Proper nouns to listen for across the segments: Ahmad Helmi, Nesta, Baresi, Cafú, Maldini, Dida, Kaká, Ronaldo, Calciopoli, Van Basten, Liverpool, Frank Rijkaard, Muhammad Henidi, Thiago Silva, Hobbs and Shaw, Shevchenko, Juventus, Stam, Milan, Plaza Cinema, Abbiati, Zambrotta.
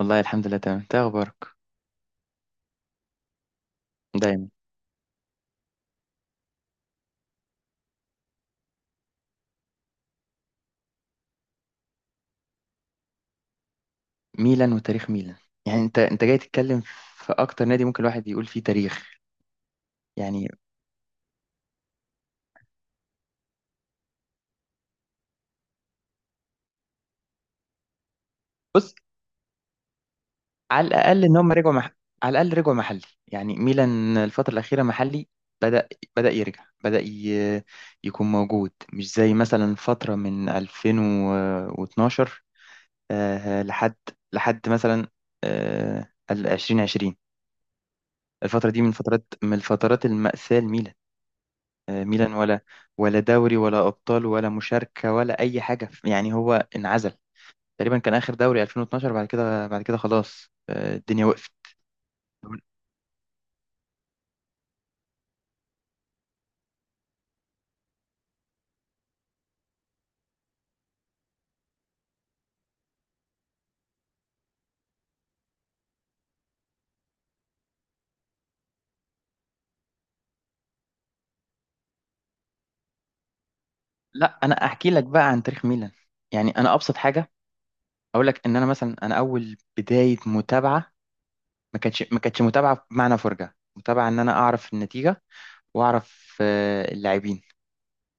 والله الحمد لله، تمام. انت إيه اخبارك؟ دايما. ميلان وتاريخ ميلان. يعني انت جاي تتكلم في اكتر نادي ممكن الواحد يقول فيه تاريخ. يعني، بص. على الاقل ان هم رجعوا على الاقل رجعوا محلي. يعني ميلان الفتره الاخيره محلي. بدا بدا يرجع، يكون موجود، مش زي مثلا فتره من 2012 آه، لحد لحد مثلا، ال 2020. الفتره دي من الفترات المأساة لميلان. ميلان، ولا دوري ولا أبطال ولا مشاركة ولا أي حاجة. يعني هو انعزل. تقريبا كان آخر دوري 2012. بعد كده خلاص، الدنيا وقفت. لا، أنا أحكي لك بقى عن تاريخ ميلان. يعني أنا أبسط حاجة أقول لك، إن أنا مثلا، أنا أول بداية متابعة ما كانتش متابعة بمعنى فرجة. متابعة إن أنا أعرف النتيجة وأعرف اللاعبين.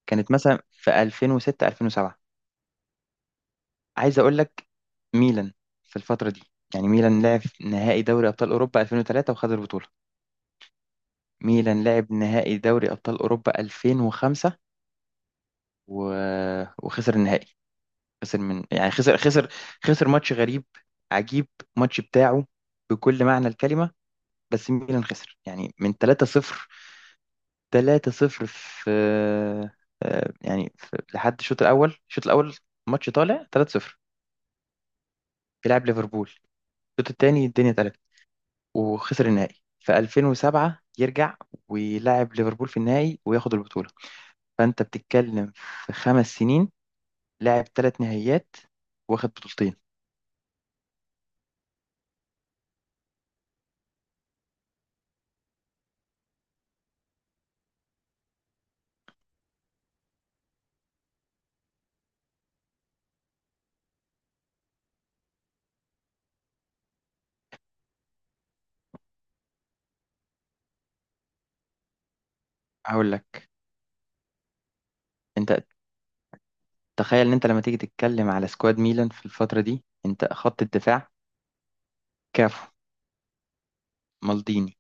كانت مثلا في 2006، 2007. عايز اقول لك، ميلان في الفتره دي، يعني ميلان لعب نهائي دوري ابطال اوروبا 2003 وخد البطوله. ميلان لعب نهائي دوري ابطال اوروبا 2005 و... وخسر النهائي. خسر من، يعني، خسر ماتش غريب عجيب، ماتش بتاعه بكل معنى الكلمه. بس ميلان خسر، يعني، من 3-0. 3-0 في، يعني لحد الشوط الاول. ماتش طالع 3-0، بيلعب ليفربول. الشوط التاني الدنيا. وخسر النهائي في 2007. يرجع ويلعب ليفربول في النهائي وياخد البطولة. فأنت بتتكلم، في 5 سنين، لاعب 3 نهائيات، واخد بطولتين. هقول لك، أنت تخيل إن أنت لما تيجي تتكلم على سكواد ميلان في الفترة دي. أنت خط الدفاع: كافو، مالديني،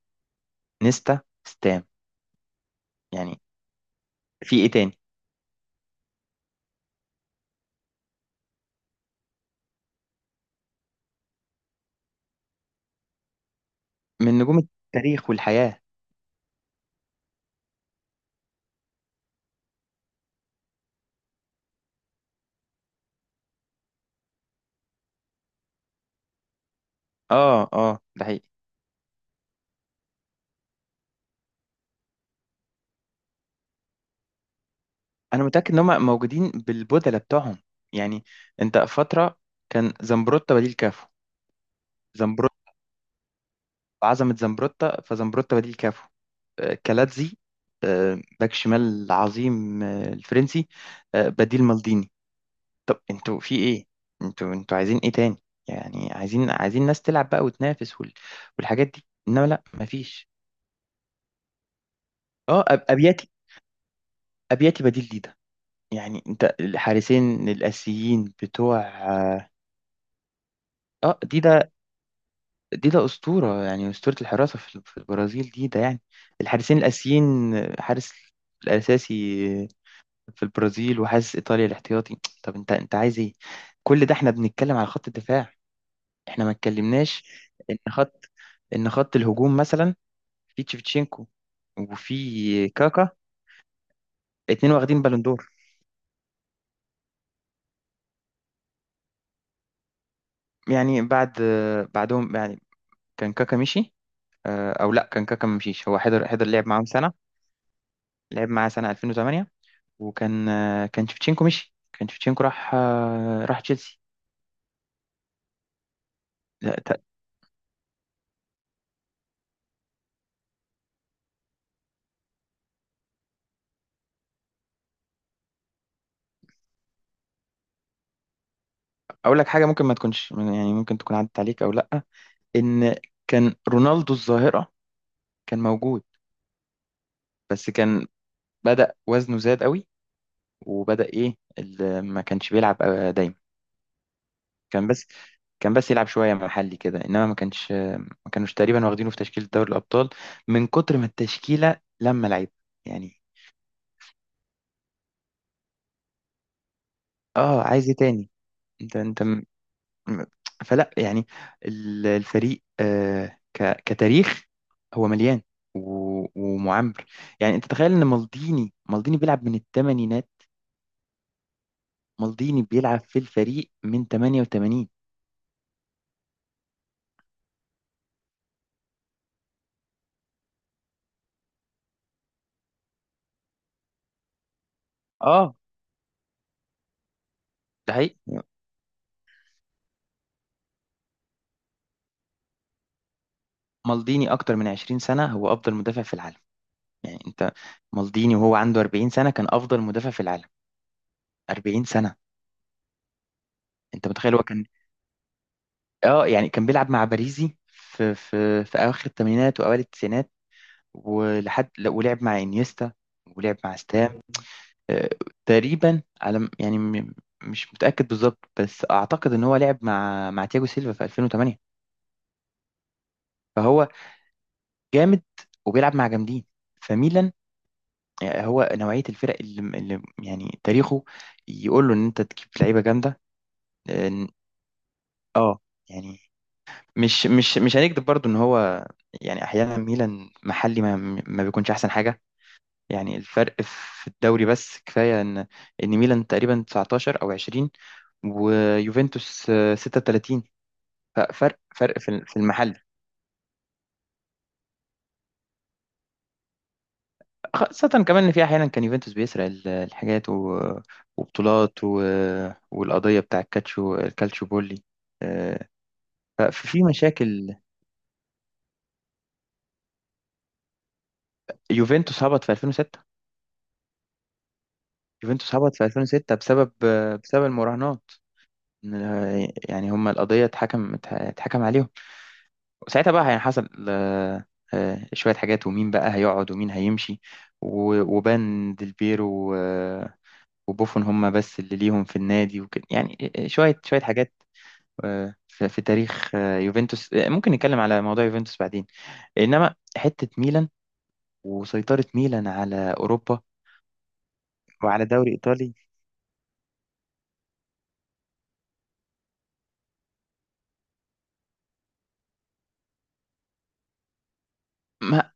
نيستا، ستام. يعني في إيه تاني؟ من نجوم التاريخ والحياة. ده حقيقي. أنا متأكد إن هم موجودين بالبدلة بتوعهم. يعني أنت فترة كان زمبروتا بديل كافو. وعزمت زمبروتا، فزمبروتا بديل كافو. كالاتزي، باك شمال عظيم، الفرنسي، بديل مالديني. طب انتوا في ايه؟ انتوا عايزين ايه تاني؟ يعني عايزين ناس تلعب بقى وتنافس والحاجات دي، انما لا، مفيش. اه أب- ابياتي ابياتي بديل ديدا. يعني انت الحارسين الاسيين بتوع، ديدا. ديدا اسطوره، يعني اسطوره الحراسه في البرازيل. ديدا، يعني الحارسين الاسيين، حارس الاساسي في البرازيل، وحاسس ايطاليا الاحتياطي. طب انت عايز ايه؟ كل ده احنا بنتكلم على خط الدفاع. احنا ما اتكلمناش ان خط، الهجوم مثلا، في تشيفتشينكو وفي كاكا. اتنين واخدين بالون دور. يعني بعدهم، يعني كان كاكا مشي، او لا، كان كاكا ما مشيش، هو حضر لعب معاهم سنه. لعب معاه سنه 2008. وكان آه، كان تشيفتشينكو مشي، كان تشيفتشينكو راح، راح تشيلسي. لا، اقول لك حاجه ممكن ما تكونش، يعني ممكن تكون عدت عليك او لا، ان كان رونالدو الظاهرة كان موجود. بس كان، بدأ وزنه زاد قوي، وبدأ ما كانش بيلعب دايما. كان بس كان بس يلعب شوية محلي كده، انما ما كانوش تقريبا واخدينه في تشكيلة دوري الأبطال، من كتر ما التشكيلة لما لعب. يعني، اه عايز ايه تاني؟ انت انت م- م- فلا، يعني، الفريق، كتاريخ، هو مليان ومعمر. يعني انت تخيل ان مالديني بيلعب من الثمانينات. مالديني بيلعب في الفريق من 88. اه، ده حقيقي. مالديني اكتر من 20 سنة هو افضل مدافع في العالم. يعني انت، مالديني وهو عنده 40 سنة كان افضل مدافع في العالم. 40 سنة. انت متخيل هو كان، اه يعني كان بيلعب مع باريزي، في اواخر الثمانينات واوائل التسعينات. ولحد، لا، ولعب مع انيستا، ولعب مع ستام. آه، تقريبا، يعني، مش متأكد بالظبط، بس اعتقد ان هو لعب مع تياجو سيلفا في 2008. جامد، وبيلعب مع جامدين. فميلان، هو نوعية الفرق اللي يعني تاريخه يقول له ان انت تجيب لعيبة جامدة. لأن- اه يعني مش هنكذب برضو ان هو، يعني احيانا ميلان محلي ما بيكونش احسن حاجة. يعني الفرق في الدوري. بس كفاية ان ميلان تقريبا 19 او 20، ويوفنتوس 36. ففرق في المحل. خاصة كمان إن في أحيانا كان يوفنتوس بيسرق الحاجات وبطولات، والقضية بتاع الكالتشو بولي. آه، ففي مشاكل. يوفنتوس هبط في 2006 يوفنتوس هبط في 2006 بسبب، بسبب المراهنات. يعني هم القضية اتحكم عليهم. وساعتها بقى يعني حصل شوية حاجات، ومين بقى هيقعد ومين هيمشي، وبان ديلبيرو، وبوفون، هم بس اللي ليهم في النادي وكده يعني. شوية شوية حاجات. في تاريخ يوفنتوس، ممكن نتكلم على موضوع يوفنتوس بعدين. انما حتة ميلان وسيطرة ميلان على اوروبا وعلى دوري ايطالي. ما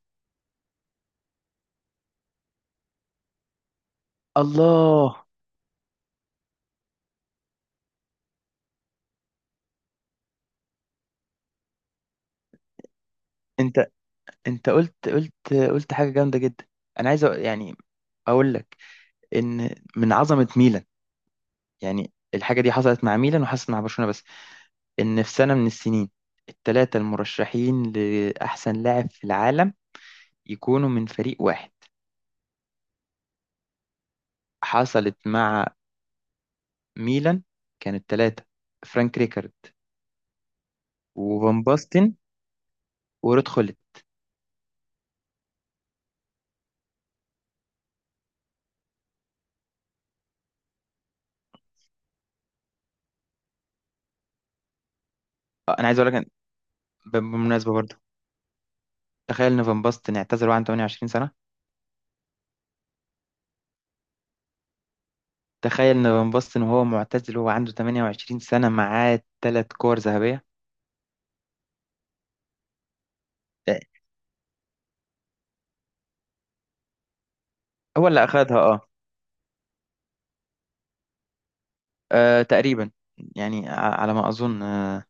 الله، انت انت قلت حاجة جامدة جدا. انا عايز، يعني، اقول لك ان من عظمة ميلان، يعني الحاجة دي حصلت مع ميلان وحصلت مع برشلونة بس. ان في سنة من السنين، الثلاثة المرشحين لأحسن لاعب في العالم يكونوا من فريق واحد. حصلت مع ميلان. كانت ثلاثة: فرانك ريكارد، وفان باستن، ورود خولت. أنا عايز أقول لك، بالمناسبة برضو، تخيل إن فان باستن اعتزل وهو عنده 28 سنة. تخيل إن فان باستن، وهو معتزل وهو عنده 28 سنة، معاه 3 كور ذهبية. آه، هو اللي أخدها، أه. تقريبا، يعني على ما أظن، آه،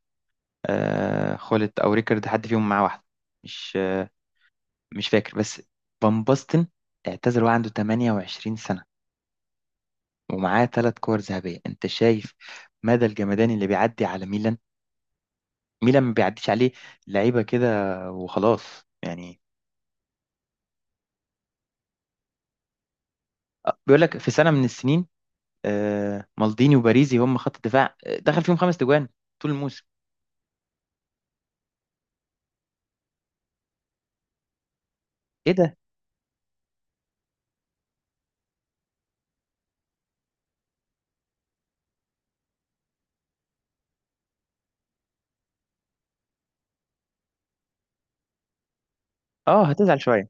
آه، خولت أو ريكارد، حد فيهم معاه واحدة، مش آه، مش فاكر. بس فان باستن اعتزل وهو عنده 28 سنة ومعاه 3 كور ذهبية. انت شايف مدى الجمدان اللي بيعدي على ميلان؟ ميلان ما بيعديش عليه لعيبة كده وخلاص. يعني، بيقول لك في سنة من السنين، مالديني وباريزي هم خط الدفاع، دخل فيهم 5 تجوان طول الموسم. ايه ده؟ اه، هتزعل شوية.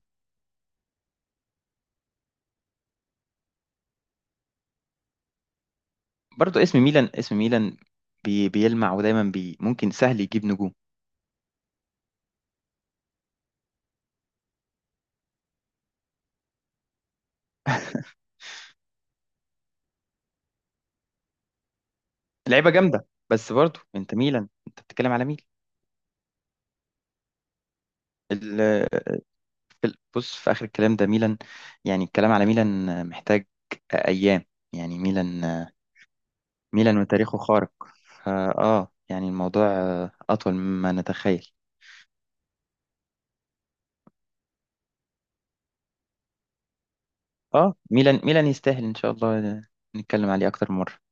برضو اسم ميلان، بيلمع، ودايما ممكن سهل يجيب نجوم. لعيبة جامدة، بس برضو انت ميلان، انت بتتكلم على ميل بص، في آخر الكلام ده، ميلان. يعني الكلام على ميلان محتاج أيام. يعني ميلان، ميلان وتاريخه خارق. فا آه يعني الموضوع أطول مما نتخيل. ميلان يستاهل إن شاء الله، نتكلم عليه أكتر من مرة.